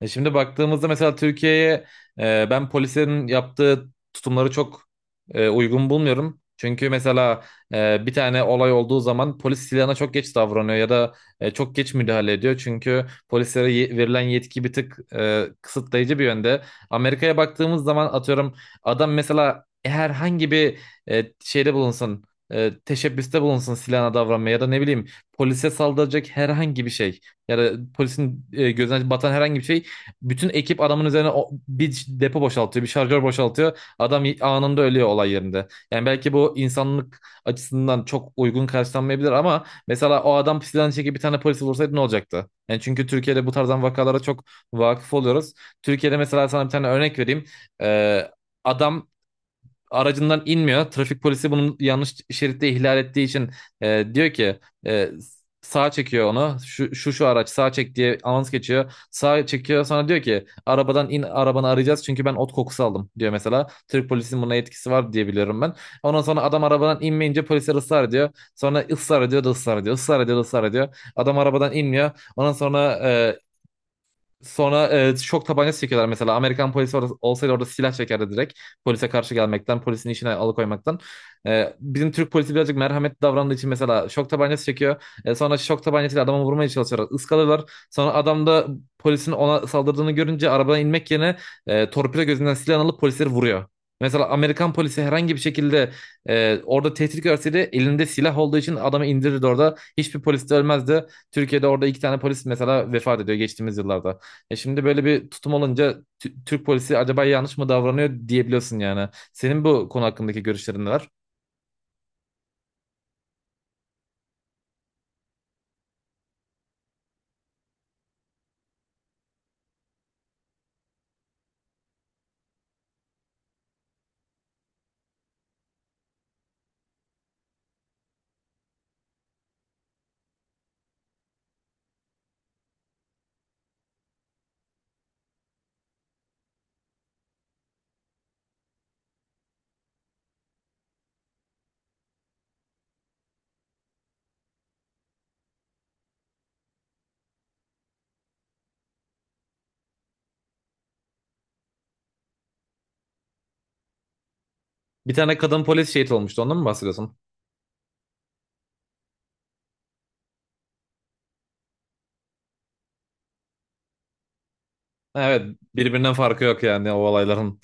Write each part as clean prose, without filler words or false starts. Şimdi baktığımızda mesela Türkiye'ye, ben polisin yaptığı tutumları çok uygun bulmuyorum. Çünkü mesela bir tane olay olduğu zaman polis silahına çok geç davranıyor ya da çok geç müdahale ediyor. Çünkü polislere verilen yetki bir tık kısıtlayıcı bir yönde. Amerika'ya baktığımız zaman atıyorum adam mesela herhangi bir şeyde bulunsun, teşebbüste bulunsun silahına davranmaya ya da ne bileyim polise saldıracak herhangi bir şey ya da polisin gözüne batan herhangi bir şey bütün ekip adamın üzerine bir depo boşaltıyor, bir şarjör boşaltıyor. Adam anında ölüyor olay yerinde. Yani belki bu insanlık açısından çok uygun karşılanmayabilir ama mesela o adam pisilen çekip bir tane polisi vursaydı ne olacaktı? Yani çünkü Türkiye'de bu tarzdan vakalara çok vakıf oluyoruz. Türkiye'de mesela sana bir tane örnek vereyim. Ee, Adam aracından inmiyor. Trafik polisi bunun yanlış şeritte ihlal ettiği için diyor ki e, sağa çekiyor onu. Şu araç sağa çek diye anons geçiyor. Sağa çekiyor sonra diyor ki arabadan in arabanı arayacağız çünkü ben ot kokusu aldım diyor mesela. Türk polisinin buna etkisi var diye biliyorum ben. Ondan sonra adam arabadan inmeyince polisler ısrar ediyor. Sonra ısrar ediyor da ısrar ediyor. Israr ediyor da ısrar ediyor. Adam arabadan inmiyor. Ondan sonra sonra şok tabancası çekiyorlar mesela. Amerikan polisi orada, olsaydı orada silah çekerdi direkt. Polise karşı gelmekten, polisin işine alıkoymaktan. Bizim Türk polisi birazcık merhametli davrandığı için mesela şok tabancası çekiyor. Sonra şok tabancasıyla adamı vurmaya çalışıyorlar. Iskalıyorlar. Sonra adam da polisin ona saldırdığını görünce arabadan inmek yerine torpido gözünden silah alıp polisleri vuruyor. Mesela Amerikan polisi herhangi bir şekilde orada tehdit görseydi elinde silah olduğu için adamı indirirdi orada. Hiçbir polis de ölmezdi. Türkiye'de orada iki tane polis mesela vefat ediyor geçtiğimiz yıllarda. Şimdi böyle bir tutum olunca Türk polisi acaba yanlış mı davranıyor diyebiliyorsun yani. Senin bu konu hakkındaki görüşlerin neler? Bir tane kadın polis şehit olmuştu. Ondan mı bahsediyorsun? Evet, birbirinden farkı yok yani o olayların.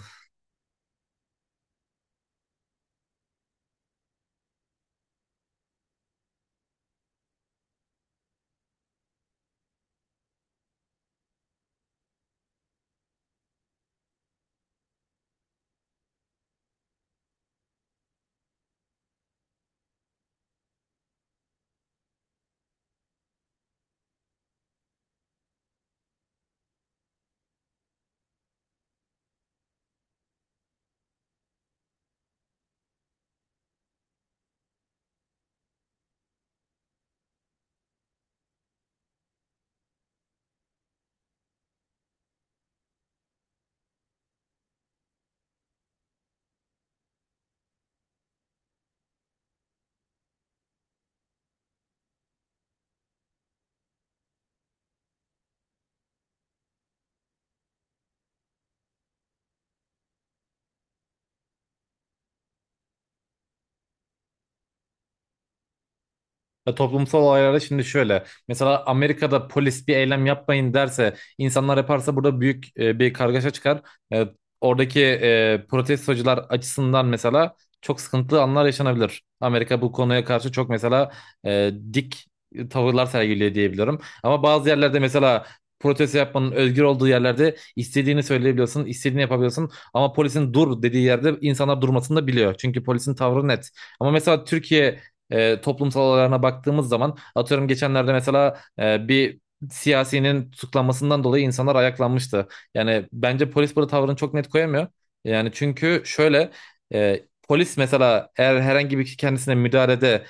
Ya toplumsal olaylarda şimdi şöyle. Mesela Amerika'da polis bir eylem yapmayın derse, insanlar yaparsa burada büyük bir kargaşa çıkar. E, Oradaki protestocular açısından mesela çok sıkıntılı anlar yaşanabilir. Amerika bu konuya karşı çok mesela dik tavırlar sergiliyor diyebiliyorum. Ama bazı yerlerde mesela protesto yapmanın özgür olduğu yerlerde istediğini söyleyebiliyorsun, istediğini yapabiliyorsun. Ama polisin dur dediği yerde insanlar durmasını da biliyor. Çünkü polisin tavrı net. Ama mesela Türkiye toplumsal olaylarına baktığımız zaman atıyorum geçenlerde mesela bir siyasinin tutuklanmasından dolayı insanlar ayaklanmıştı. Yani bence polis burada tavrını çok net koyamıyor. Yani çünkü şöyle e, polis mesela eğer herhangi bir kişi kendisine müdahalede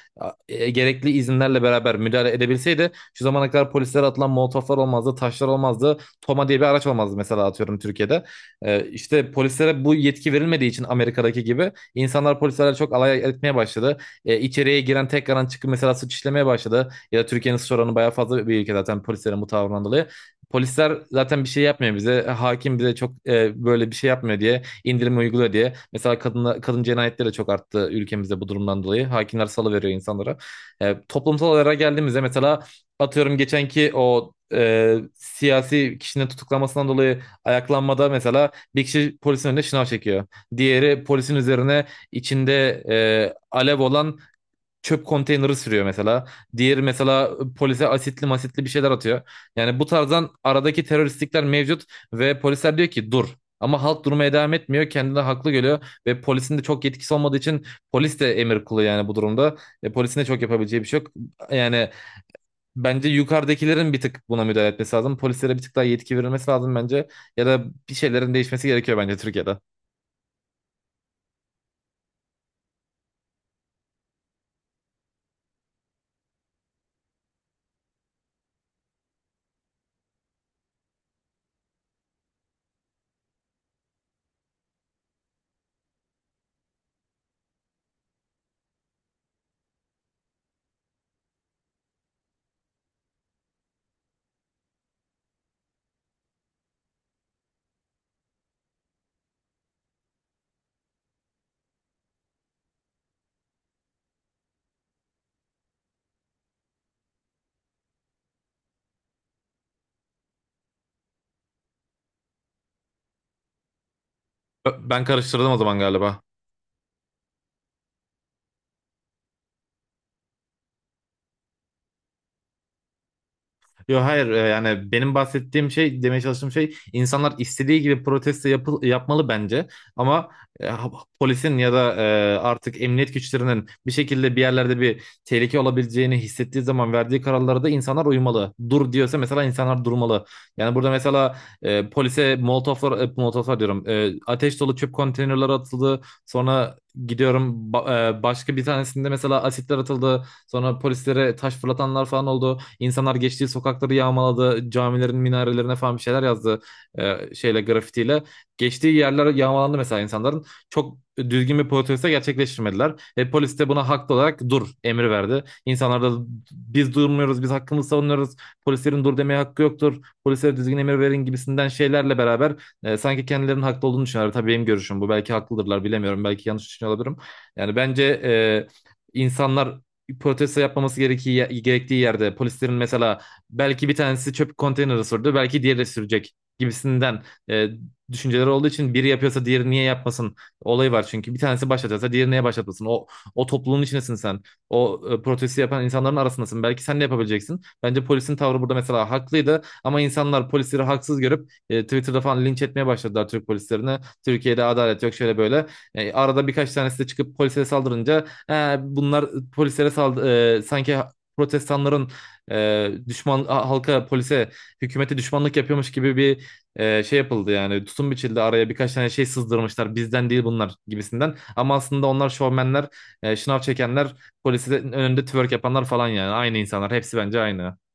gerekli izinlerle beraber müdahale edebilseydi şu zamana kadar polislere atılan molotoflar olmazdı, taşlar olmazdı, Toma diye bir araç olmazdı mesela atıyorum Türkiye'de. İşte polislere bu yetki verilmediği için Amerika'daki gibi insanlar polislerle çok alay etmeye başladı, içeriye giren tekrardan çıkıp mesela suç işlemeye başladı. Ya da Türkiye'nin suç oranı bayağı fazla bir ülke zaten polislerin bu tavrından dolayı. Polisler zaten bir şey yapmıyor bize. Hakim bize çok böyle bir şey yapmıyor diye indirim uyguluyor diye. Mesela kadın cinayetleri de çok arttı ülkemizde bu durumdan dolayı. Hakimler salıveriyor insanlara. Toplumsal olaylara geldiğimizde mesela atıyorum geçenki o siyasi kişinin tutuklanmasından dolayı ayaklanmada mesela bir kişi polisin önüne şınav çekiyor. Diğeri polisin üzerine içinde alev olan çöp konteyneri sürüyor mesela. Diğeri mesela polise asitli masitli bir şeyler atıyor. Yani bu tarzdan aradaki teröristlikler mevcut ve polisler diyor ki dur. Ama halk durmaya devam etmiyor. Kendini haklı görüyor ve polisin de çok yetkisi olmadığı için polis de emir kulu yani bu durumda. Polisin de çok yapabileceği bir şey yok. Yani bence yukarıdakilerin bir tık buna müdahale etmesi lazım. Polislere bir tık daha yetki verilmesi lazım bence. Ya da bir şeylerin değişmesi gerekiyor bence Türkiye'de. Ben karıştırdım o zaman galiba. Yok hayır, yani benim bahsettiğim şey, demeye çalıştığım şey insanlar istediği gibi yapmalı bence, ama e, ha- polisin ya da artık emniyet güçlerinin bir şekilde bir yerlerde bir tehlike olabileceğini hissettiği zaman verdiği kararlara da insanlar uymalı. Dur diyorsa mesela insanlar durmalı. Yani burada mesela polise molotoflar, ateş dolu çöp konteynerleri atıldı sonra başka bir tanesinde mesela asitler atıldı sonra polislere taş fırlatanlar falan oldu. İnsanlar geçtiği sokakları yağmaladı. Camilerin minarelerine falan bir şeyler yazdı, şeyle, grafitiyle. Geçtiği yerler yağmalandı mesela insanların. Çok düzgün bir protesto gerçekleştirmediler. Ve polis de buna haklı olarak dur emri verdi. İnsanlar da biz durmuyoruz, biz hakkımızı savunuyoruz. Polislerin dur demeye hakkı yoktur. Polislere düzgün emir verin gibisinden şeylerle beraber sanki kendilerinin haklı olduğunu düşünüyorlar. Tabii benim görüşüm bu. Belki haklıdırlar, bilemiyorum. Belki yanlış düşünüyor olabilirim. Yani bence insanlar protesto yapmaması gerektiği, gerektiği yerde polislerin mesela belki bir tanesi çöp konteyneri sürdü, belki diğeri sürecek gibisinden e, düşünceleri olduğu için biri yapıyorsa diğeri niye yapmasın olayı var, çünkü bir tanesi başlatıyorsa diğeri niye başlatmasın? O topluluğun içindesin sen, o protesto yapan insanların arasındasın, belki sen de yapabileceksin. Bence polisin tavrı burada mesela haklıydı ama insanlar polisleri haksız görüp Twitter'da falan linç etmeye başladılar Türk polislerine. Türkiye'de adalet yok, şöyle böyle. Arada birkaç tanesi de çıkıp polise saldırınca, "Ha, bunlar polislere sanki protestanların halka, polise, hükümete düşmanlık yapıyormuş gibi bir şey yapıldı yani, tutum biçildi, araya birkaç tane şey sızdırmışlar, bizden değil bunlar gibisinden, ama aslında onlar şovmenler, şınav çekenler, polisin önünde twerk yapanlar falan. Yani aynı insanlar hepsi, bence aynı.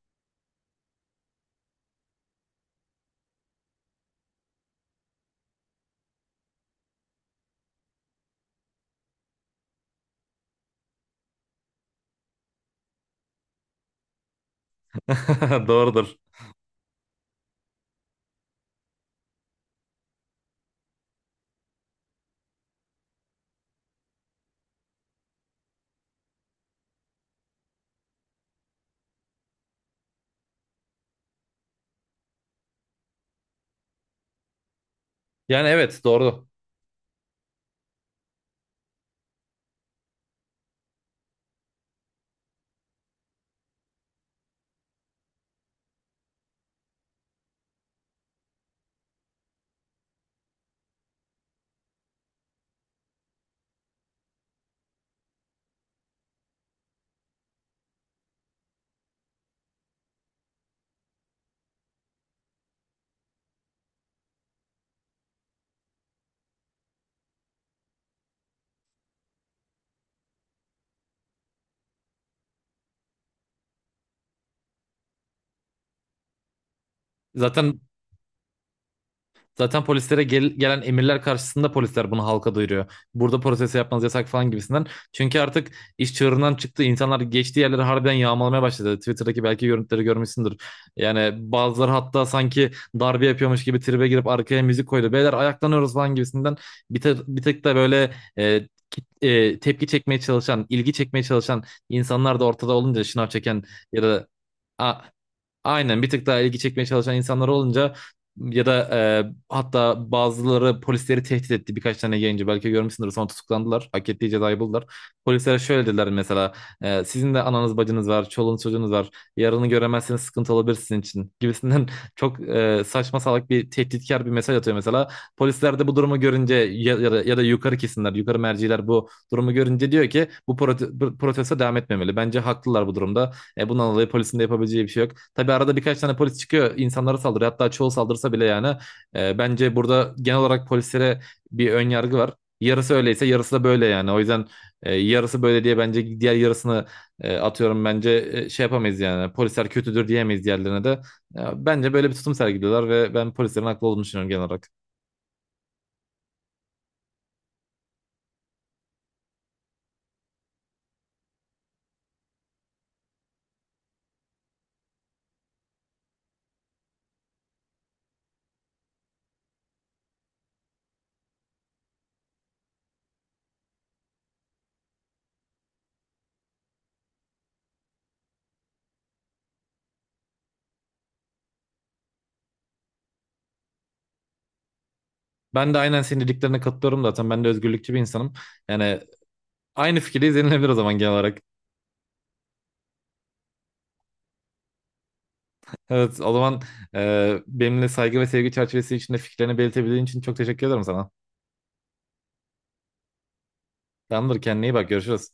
Doğrudur. Yani evet, doğru. Zaten Zaten polislere gelen emirler karşısında polisler bunu halka duyuruyor. Burada protest yapmanız yasak falan gibisinden. Çünkü artık iş çığırından çıktı. İnsanlar geçtiği yerleri harbiden yağmalamaya başladı. Twitter'daki belki görüntüleri görmüşsündür. Yani bazıları hatta sanki darbe yapıyormuş gibi tribe girip arkaya müzik koydu. Beyler ayaklanıyoruz falan gibisinden. Bir tek de böyle tepki çekmeye çalışan, ilgi çekmeye çalışan insanlar da ortada olunca, şınav çeken ya da a- aynen bir tık daha ilgi çekmeye çalışan insanlar olunca, ya da hatta bazıları polisleri tehdit etti. Birkaç tane yayıncı belki görmüşsündür, sonra tutuklandılar, hak ettiği cezayı buldular. Polislere şöyle dediler mesela, sizin de ananız bacınız var, çoluğunuz çocuğunuz var, yarını göremezseniz sıkıntı olabilir sizin için gibisinden. Çok saçma salak bir tehditkar bir mesaj atıyor mesela. Polisler de bu durumu görünce ya da yukarı kesimler, yukarı merciler bu durumu görünce diyor ki bu protesto devam etmemeli. Bence haklılar bu durumda. Bundan dolayı polisin de yapabileceği bir şey yok. Tabii arada birkaç tane polis çıkıyor insanlara saldırıyor. Hatta çoğu saldırsa bile yani, bence burada genel olarak polislere bir ön yargı var. Yarısı öyleyse yarısı da böyle yani. O yüzden yarısı böyle diye bence diğer yarısını şey yapamayız yani. Polisler kötüdür diyemeyiz diğerlerine de. Ya, bence böyle bir tutum sergiliyorlar ve ben polislerin haklı olduğunu düşünüyorum genel olarak. Ben de aynen senin dediklerine katılıyorum zaten. Ben de özgürlükçü bir insanım. Yani aynı fikirdeyiz, yenilebilir o zaman genel olarak. Evet, o zaman benimle saygı ve sevgi çerçevesi içinde fikirlerini belirtebildiğin için çok teşekkür ederim sana. Tamamdır, kendine iyi bak, görüşürüz.